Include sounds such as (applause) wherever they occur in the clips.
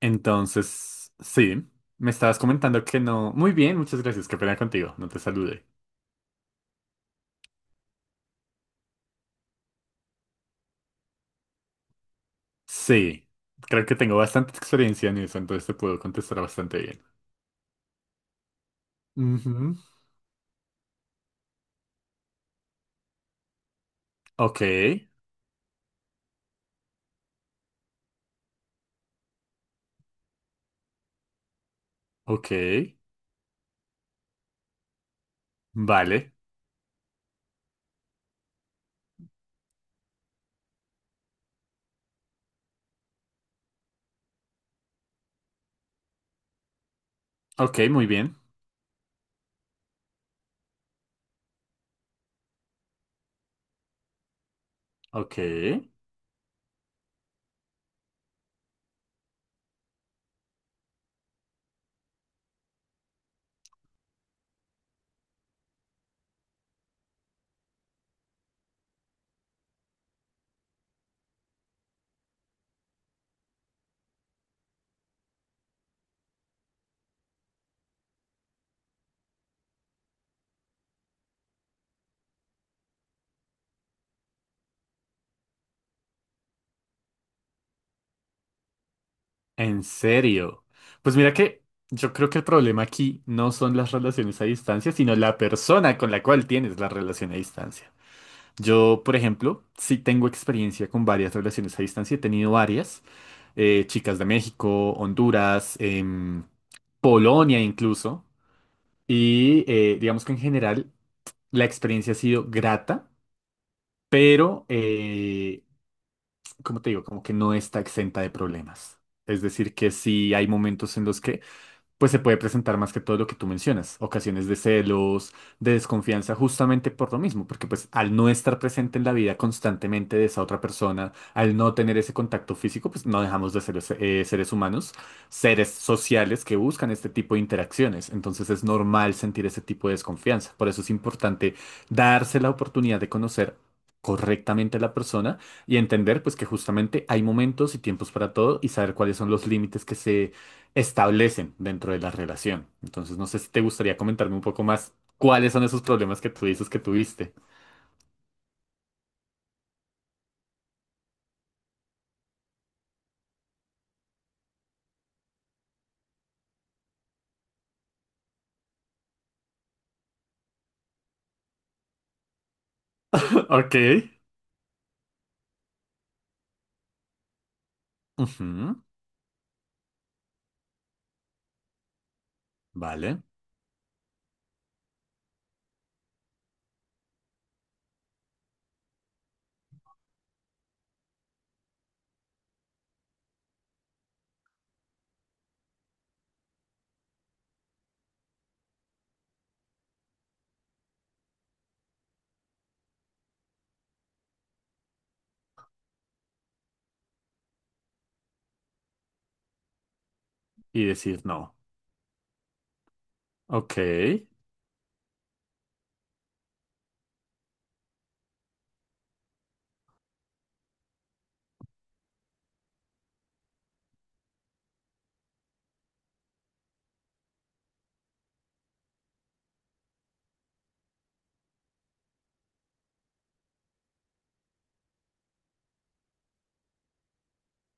Entonces, sí, me estabas comentando que no. Muy bien, muchas gracias, qué pena contigo, no te saludé. Sí, creo que tengo bastante experiencia en eso, entonces te puedo contestar bastante bien. Ujú. Ok. Ok. Vale. Ok, muy bien. Ok. En serio. Pues mira que yo creo que el problema aquí no son las relaciones a distancia, sino la persona con la cual tienes la relación a distancia. Yo, por ejemplo, sí tengo experiencia con varias relaciones a distancia. He tenido varias. Chicas de México, Honduras, Polonia incluso. Y digamos que en general la experiencia ha sido grata, pero, como te digo, como que no está exenta de problemas. Es decir, que sí hay momentos en los que pues se puede presentar más que todo lo que tú mencionas, ocasiones de celos, de desconfianza, justamente por lo mismo, porque pues al no estar presente en la vida constantemente de esa otra persona, al no tener ese contacto físico, pues no dejamos de ser seres humanos, seres sociales que buscan este tipo de interacciones, entonces es normal sentir ese tipo de desconfianza, por eso es importante darse la oportunidad de conocer correctamente a la persona y entender pues que justamente hay momentos y tiempos para todo y saber cuáles son los límites que se establecen dentro de la relación. Entonces, no sé si te gustaría comentarme un poco más cuáles son esos problemas que tú dices que tuviste. (laughs) Ok. Ujú. Vale. Y decir no. Ok.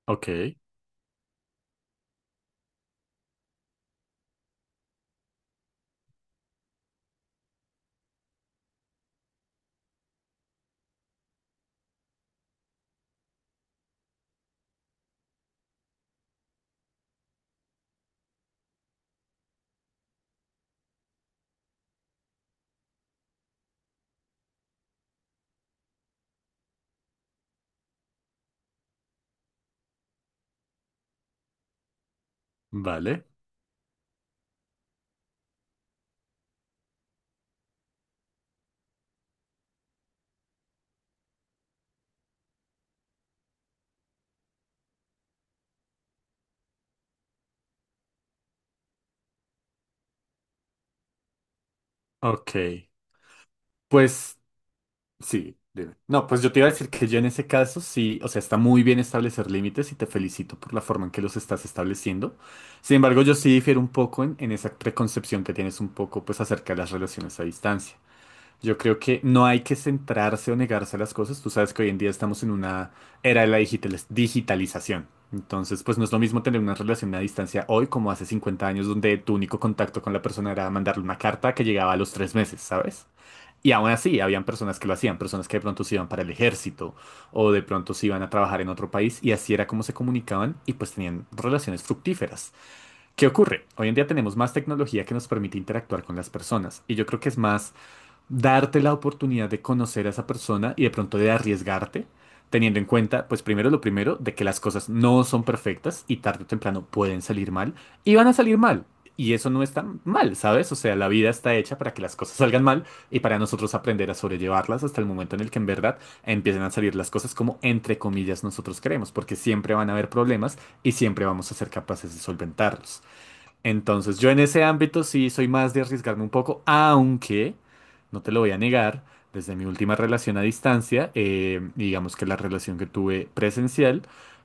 Ok. Vale. Ok. Pues sí, dime. No, pues yo te iba a decir que yo en ese caso sí, o sea, está muy bien establecer límites y te felicito por la forma en que los estás estableciendo. Sin embargo, yo sí difiero un poco en esa preconcepción que tienes un poco, pues, acerca de las relaciones a distancia. Yo creo que no hay que centrarse o negarse a las cosas. Tú sabes que hoy en día estamos en una era de la digitalización. Entonces, pues no es lo mismo tener una relación a distancia hoy como hace 50 años, donde tu único contacto con la persona era mandarle una carta que llegaba a los 3 meses, ¿sabes? Y aún así, habían personas que lo hacían, personas que de pronto se iban para el ejército o de pronto se iban a trabajar en otro país y así era como se comunicaban y pues tenían relaciones fructíferas. ¿Qué ocurre? Hoy en día tenemos más tecnología que nos permite interactuar con las personas y yo creo que es más darte la oportunidad de conocer a esa persona y de pronto de arriesgarte, teniendo en cuenta, pues primero lo primero, de que las cosas no son perfectas y tarde o temprano pueden salir mal y van a salir mal. Y eso no está mal, ¿sabes? O sea, la vida está hecha para que las cosas salgan mal y para nosotros aprender a sobrellevarlas hasta el momento en el que en verdad empiecen a salir las cosas como entre comillas nosotros queremos, porque siempre van a haber problemas y siempre vamos a ser capaces de solventarlos. Entonces, yo en ese ámbito sí soy más de arriesgarme un poco, aunque, no te lo voy a negar, desde mi última relación a distancia, digamos que la relación que tuve presencial,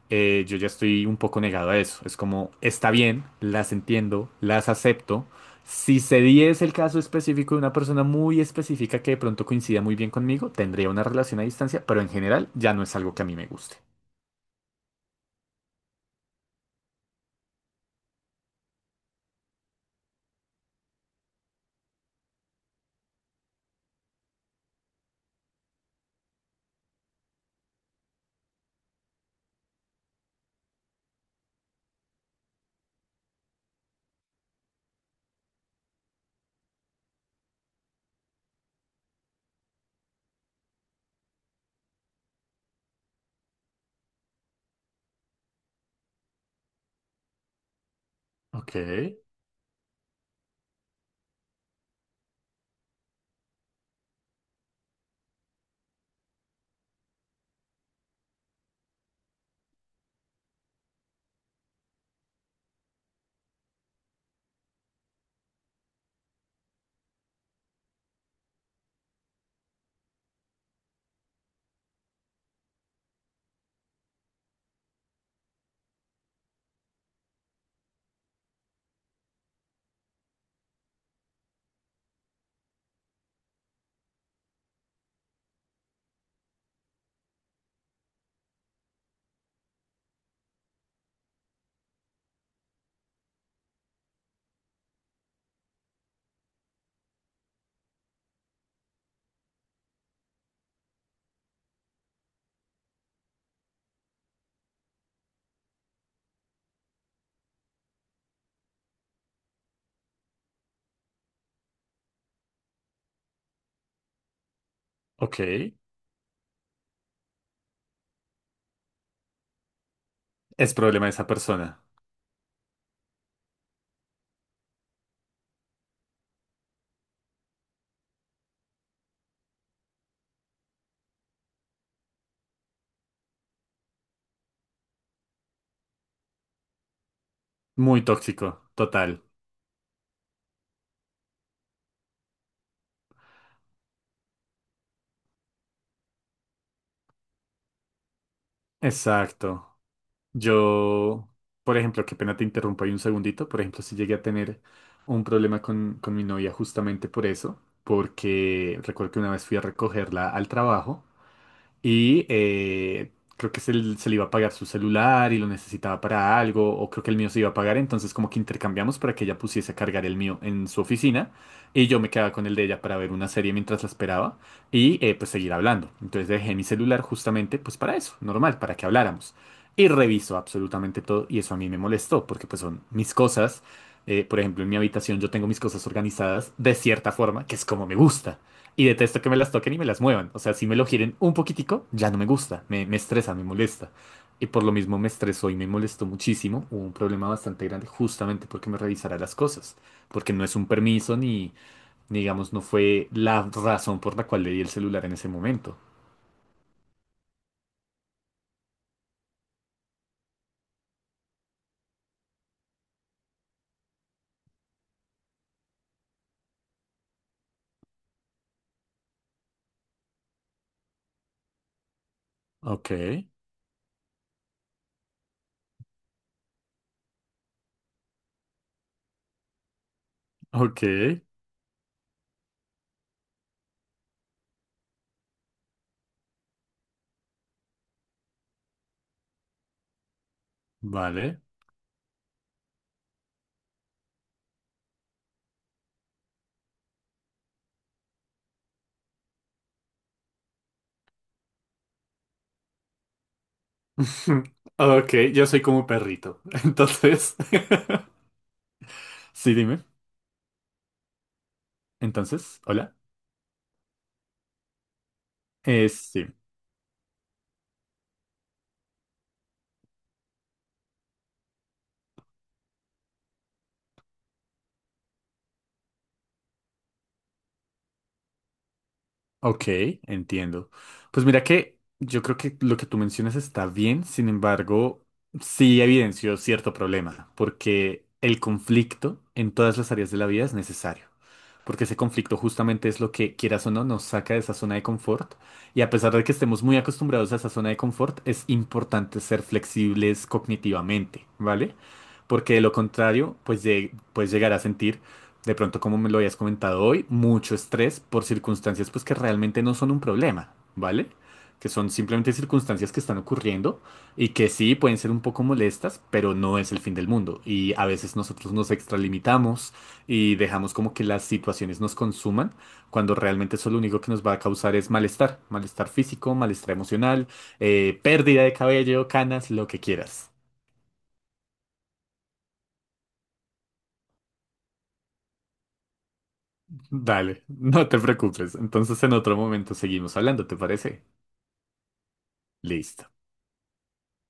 yo ya estoy un poco negado a eso. Es como, está bien, las entiendo, las acepto. Si se diese el caso específico de una persona muy específica que de pronto coincida muy bien conmigo, tendría una relación a distancia, pero en general ya no es algo que a mí me guste. Ok. Ok. Es problema de esa persona. Muy tóxico, total. Exacto. Yo, por ejemplo, qué pena te interrumpo ahí un segundito. Por ejemplo, si llegué a tener un problema con mi novia justamente por eso, porque recuerdo que una vez fui a recogerla al trabajo y creo que se le iba a pagar su celular y lo necesitaba para algo, o creo que el mío se iba a pagar, entonces como que intercambiamos para que ella pusiese a cargar el mío en su oficina y yo me quedaba con el de ella para ver una serie mientras la esperaba y pues seguir hablando. Entonces dejé mi celular justamente pues para eso, normal, para que habláramos. Y reviso absolutamente todo y eso a mí me molestó porque pues son mis cosas. Por ejemplo, en mi habitación yo tengo mis cosas organizadas de cierta forma, que es como me gusta. Y detesto que me las toquen y me las muevan. O sea, si me lo giren un poquitico, ya no me gusta, me estresa, me molesta. Y por lo mismo me estresó y me molestó muchísimo. Hubo un problema bastante grande justamente porque me revisara las cosas. Porque no es un permiso ni, digamos, no fue la razón por la cual le di el celular en ese momento. Ok. Ok. Vale. (laughs) Ok, yo soy como un perrito. (laughs) Entonces, (laughs) sí, dime. Entonces, hola. Sí. Ok, entiendo. Pues mira que yo creo que lo que tú mencionas está bien, sin embargo, sí evidenció cierto problema, porque el conflicto en todas las áreas de la vida es necesario, porque ese conflicto justamente es lo que, quieras o no, nos saca de esa zona de confort, y a pesar de que estemos muy acostumbrados a esa zona de confort, es importante ser flexibles cognitivamente, ¿vale? Porque de lo contrario, pues puedes llegar a sentir, de pronto como me lo habías comentado hoy, mucho estrés por circunstancias pues que realmente no son un problema, ¿vale? Que son simplemente circunstancias que están ocurriendo y que sí pueden ser un poco molestas, pero no es el fin del mundo. Y a veces nosotros nos extralimitamos y dejamos como que las situaciones nos consuman, cuando realmente eso lo único que nos va a causar es malestar, malestar físico, malestar emocional, pérdida de cabello, canas, lo que quieras. Dale, no te preocupes. Entonces en otro momento seguimos hablando, ¿te parece? Listo.